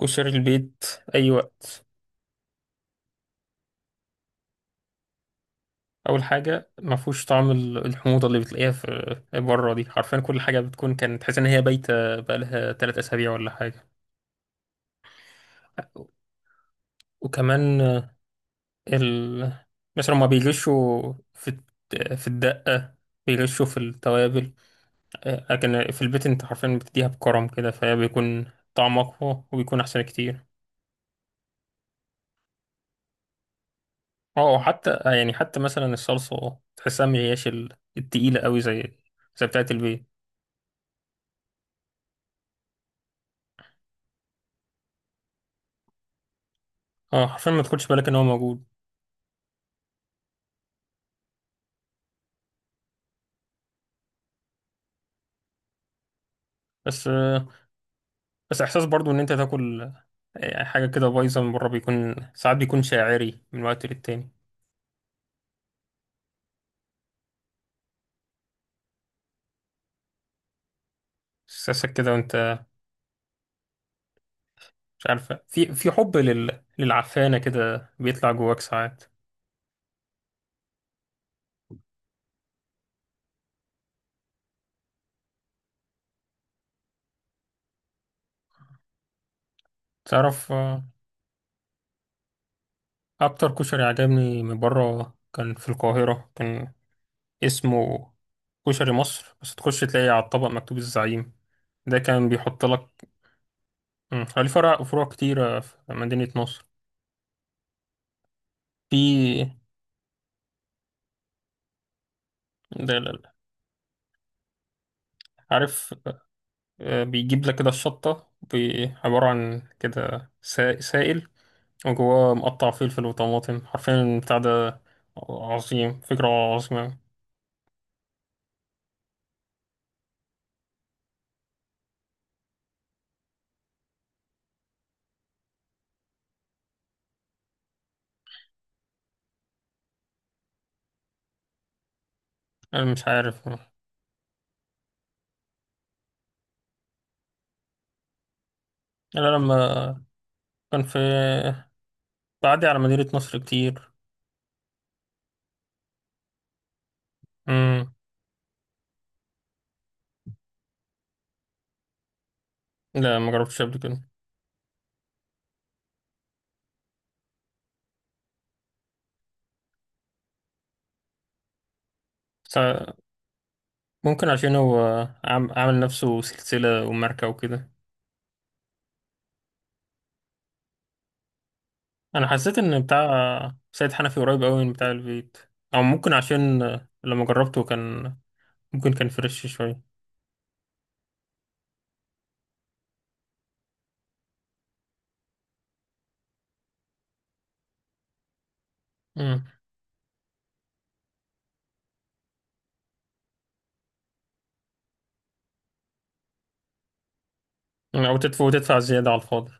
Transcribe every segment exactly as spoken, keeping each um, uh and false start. كشري البيت، أي وقت. أول حاجة ما فيهوش طعم ال- الحموضة اللي بتلاقيها في بره دي. حرفيا كل حاجة بتكون كانت تحس إن هي بايتة بقالها تلات أسابيع ولا حاجة. وكمان ال... مثلا ما بيغشوا في الت- في الدقة، بيغشوا في التوابل. لكن في البيت أنت حرفيا بتديها بكرم كده، فهي بيكون طعم أقوى وبيكون أحسن كتير. اه حتى يعني حتى مثلا الصلصة تحسها مهياش ال- التقيلة أوي زي زي بتاعة البيت. اه حرفيا ما تاخدش بالك ان هو موجود. بس بس احساس برضو ان انت تاكل يعني حاجه كده بايظه من بره، بيكون ساعات بيكون شاعري من وقت للتاني. احساسك كده وانت مش عارفه، في في حب لل... للعفانه كده بيطلع جواك ساعات. تعرف، آه، اكتر كشري عجبني من بره كان في القاهره، كان اسمه كشري مصر. بس تخش تلاقي على الطبق مكتوب الزعيم، ده كان بيحط لك. مم، هو ليه فرع، فروع كتيرة في مدينة نصر. في ده لا- لا. عارف، آه، بيجيب لك كده الشطة بي- عبارة عن كده سا- سائل وجواه مقطع فلفل وطماطم، حرفيا البتاع ده عظيم، فكرة عظيمة. أنا مش عارف. أنا لما كان في بعدي على مدينة نصر كتير. مم. لا ما جربتش قبل كده. بس ممكن عشان هو عام- عامل نفسه سلسلة وماركة وكده. أنا حسيت إن بتاع سيد حنفي قريب أوي من بتاع البيت. أو ممكن عشان لما جربته كان، ممكن كان فريش شوية. أو تدفع وتدفع زيادة على الفاضي.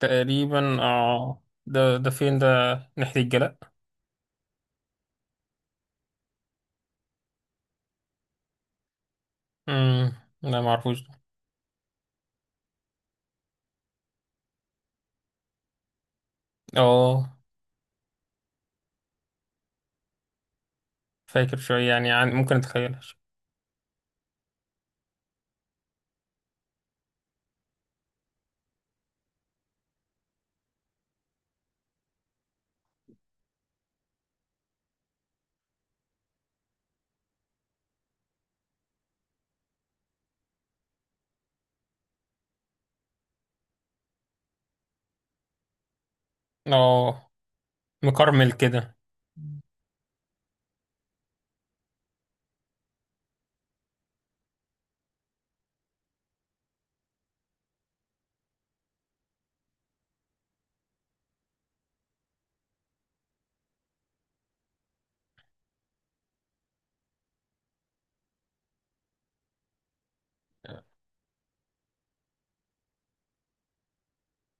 تقريبا اه، ده ده فين ده. ناحية الجلاء. امم، لا معرفوش ده. اه فاكر شوية يعني، عن ممكن اتخيلها شوية. اه، مكرمل كده.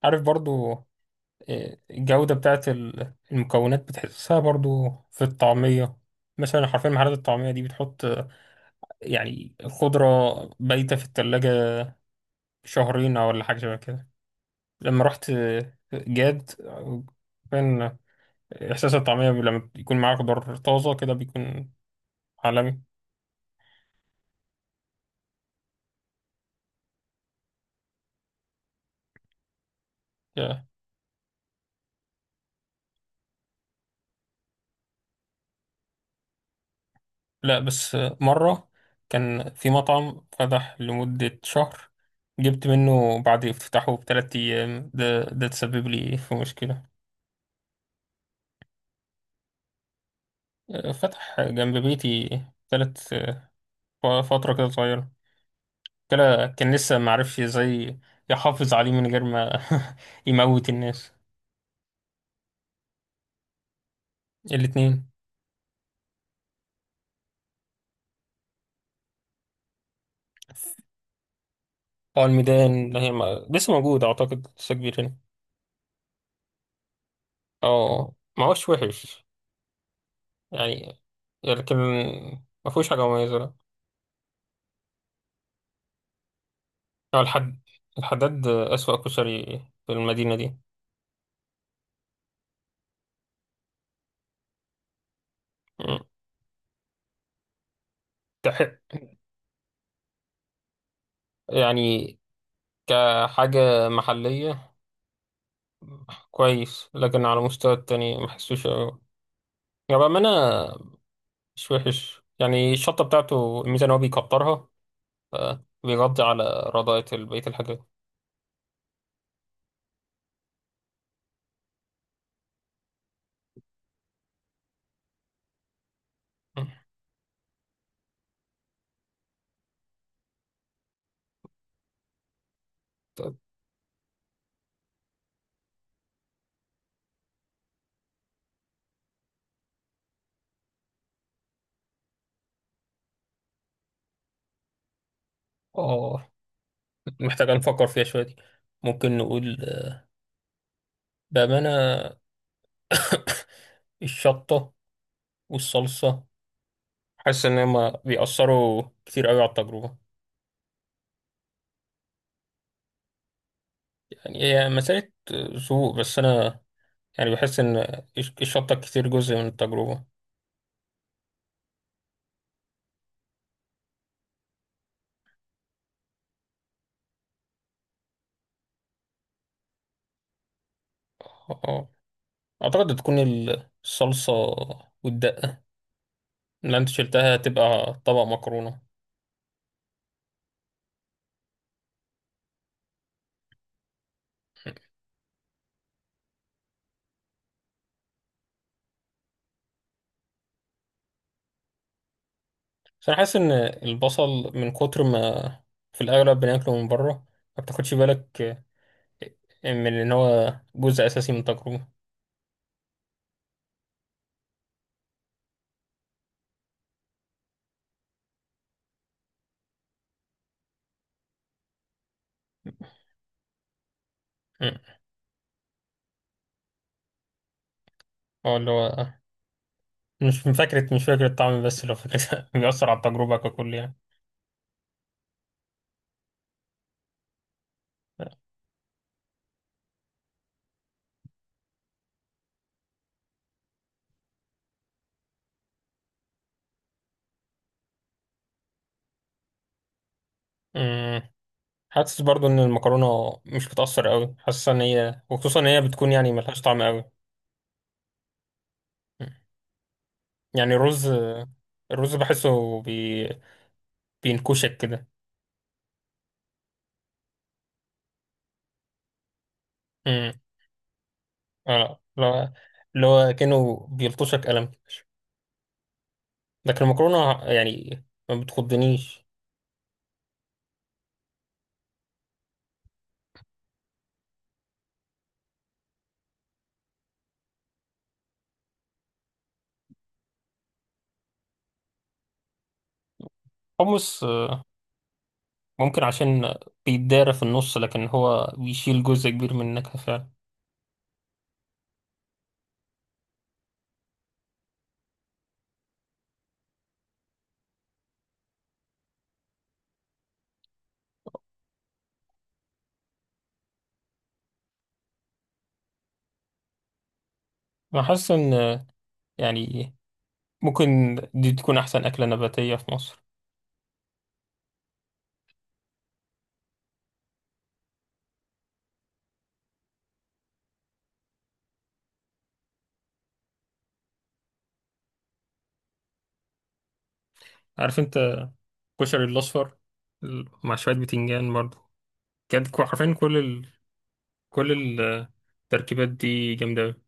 عارف برضو آه، الجودة بتاعت ال- المكونات بتحسها برضو في الطعمية. مثلا حرفيا محلات الطعمية دي بتحط آه، يعني خضرة بايتة في التلاجة شهرين أو ولا حاجة شبه كده. لما رحت آه، جاد، احساس الطعميه لما يكون معاه خضار طازه كده بيكون عالمي. يا. لا بس مره كان في مطعم فتح لمده شهر، جبت منه بعد افتتاحه بثلاث ايام، ده ده تسبب لي في مشكله. فتح جنب بيتي ثلاث، فتره كده صغيره، كلا كان لسه معرفش ازاي يحافظ عليه من غير ما يموت الناس. الاتنين. اه الميدان، اللي هي ما- لسه موجود اعتقد، لسه كبير هنا. اه ما هوش وحش يعني، لكن ما فيهوش حاجة مميزة. لا، هو الحد، الحداد أسوأ كشري في المدينة دي. مم. تحق يعني كحاجة محلية كويس، لكن على مستوى التاني ما حسوش أوي يعني بأمانة. مش وحش يعني، الشطة بتاعته الميزة إن هو بيكترها، فبيغطي على رضاية بقية الحاجات. مم. طب، اه محتاجة نفكر فيها شوية دي. ممكن نقول بأمانة، الشطة والصلصة، حاسس ان هما بيأثروا كتير قوي على التجربة. يعني هي مسألة ذوق، بس انا يعني بحس ان الشطة كتير جزء من التجربة. اه اعتقد تكون الصلصة والدقة اللي انت شلتها، هتبقى طبق مكرونة. بس انا حاسس ان البصل من كتر ما في الاغلب بناكله من بره، ما بتاخدش بالك من ان هو جزء اساسي من التجربة. مم. اه اللي هو مش من فكرة، مش فاكر الطعم، بس لو فكرة بيأثر على التجربة ككل يعني. مم. حاسس برضو ان المكرونه مش بتأثر قوي، حاسس ان هي، وخصوصا ان هي بتكون يعني ملهاش طعم قوي. مم. يعني الرز الرز بحسه بي... بينكشك كده. امم، اه لا، اللي هو كأنه بيلطشك قلم. لكن المكرونه يعني ما بتخضنيش. حمص آه، ممكن عشان بيتدارى في النص، لكن هو بيشيل جزء كبير من النكهه فعلا. انا حاسس ان آه، يعني ممكن دي تكون احسن اكله نباتيه في مصر. عارف انت كشري الاصفر ال- مع شويه بتنجان برضه، كانت كو- حرفيا كل ال... كل التركيبات دي جامده أوي.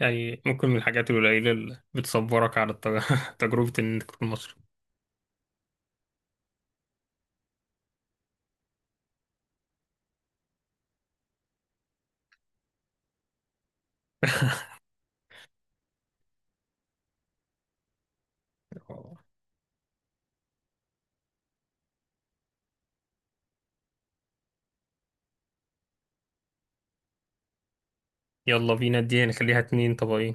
يعني ممكن من الحاجات القليله اللي بتصبرك على الت- تجربه انك تكون مصري. يلا بينا، دي نخليها اتنين طبقين.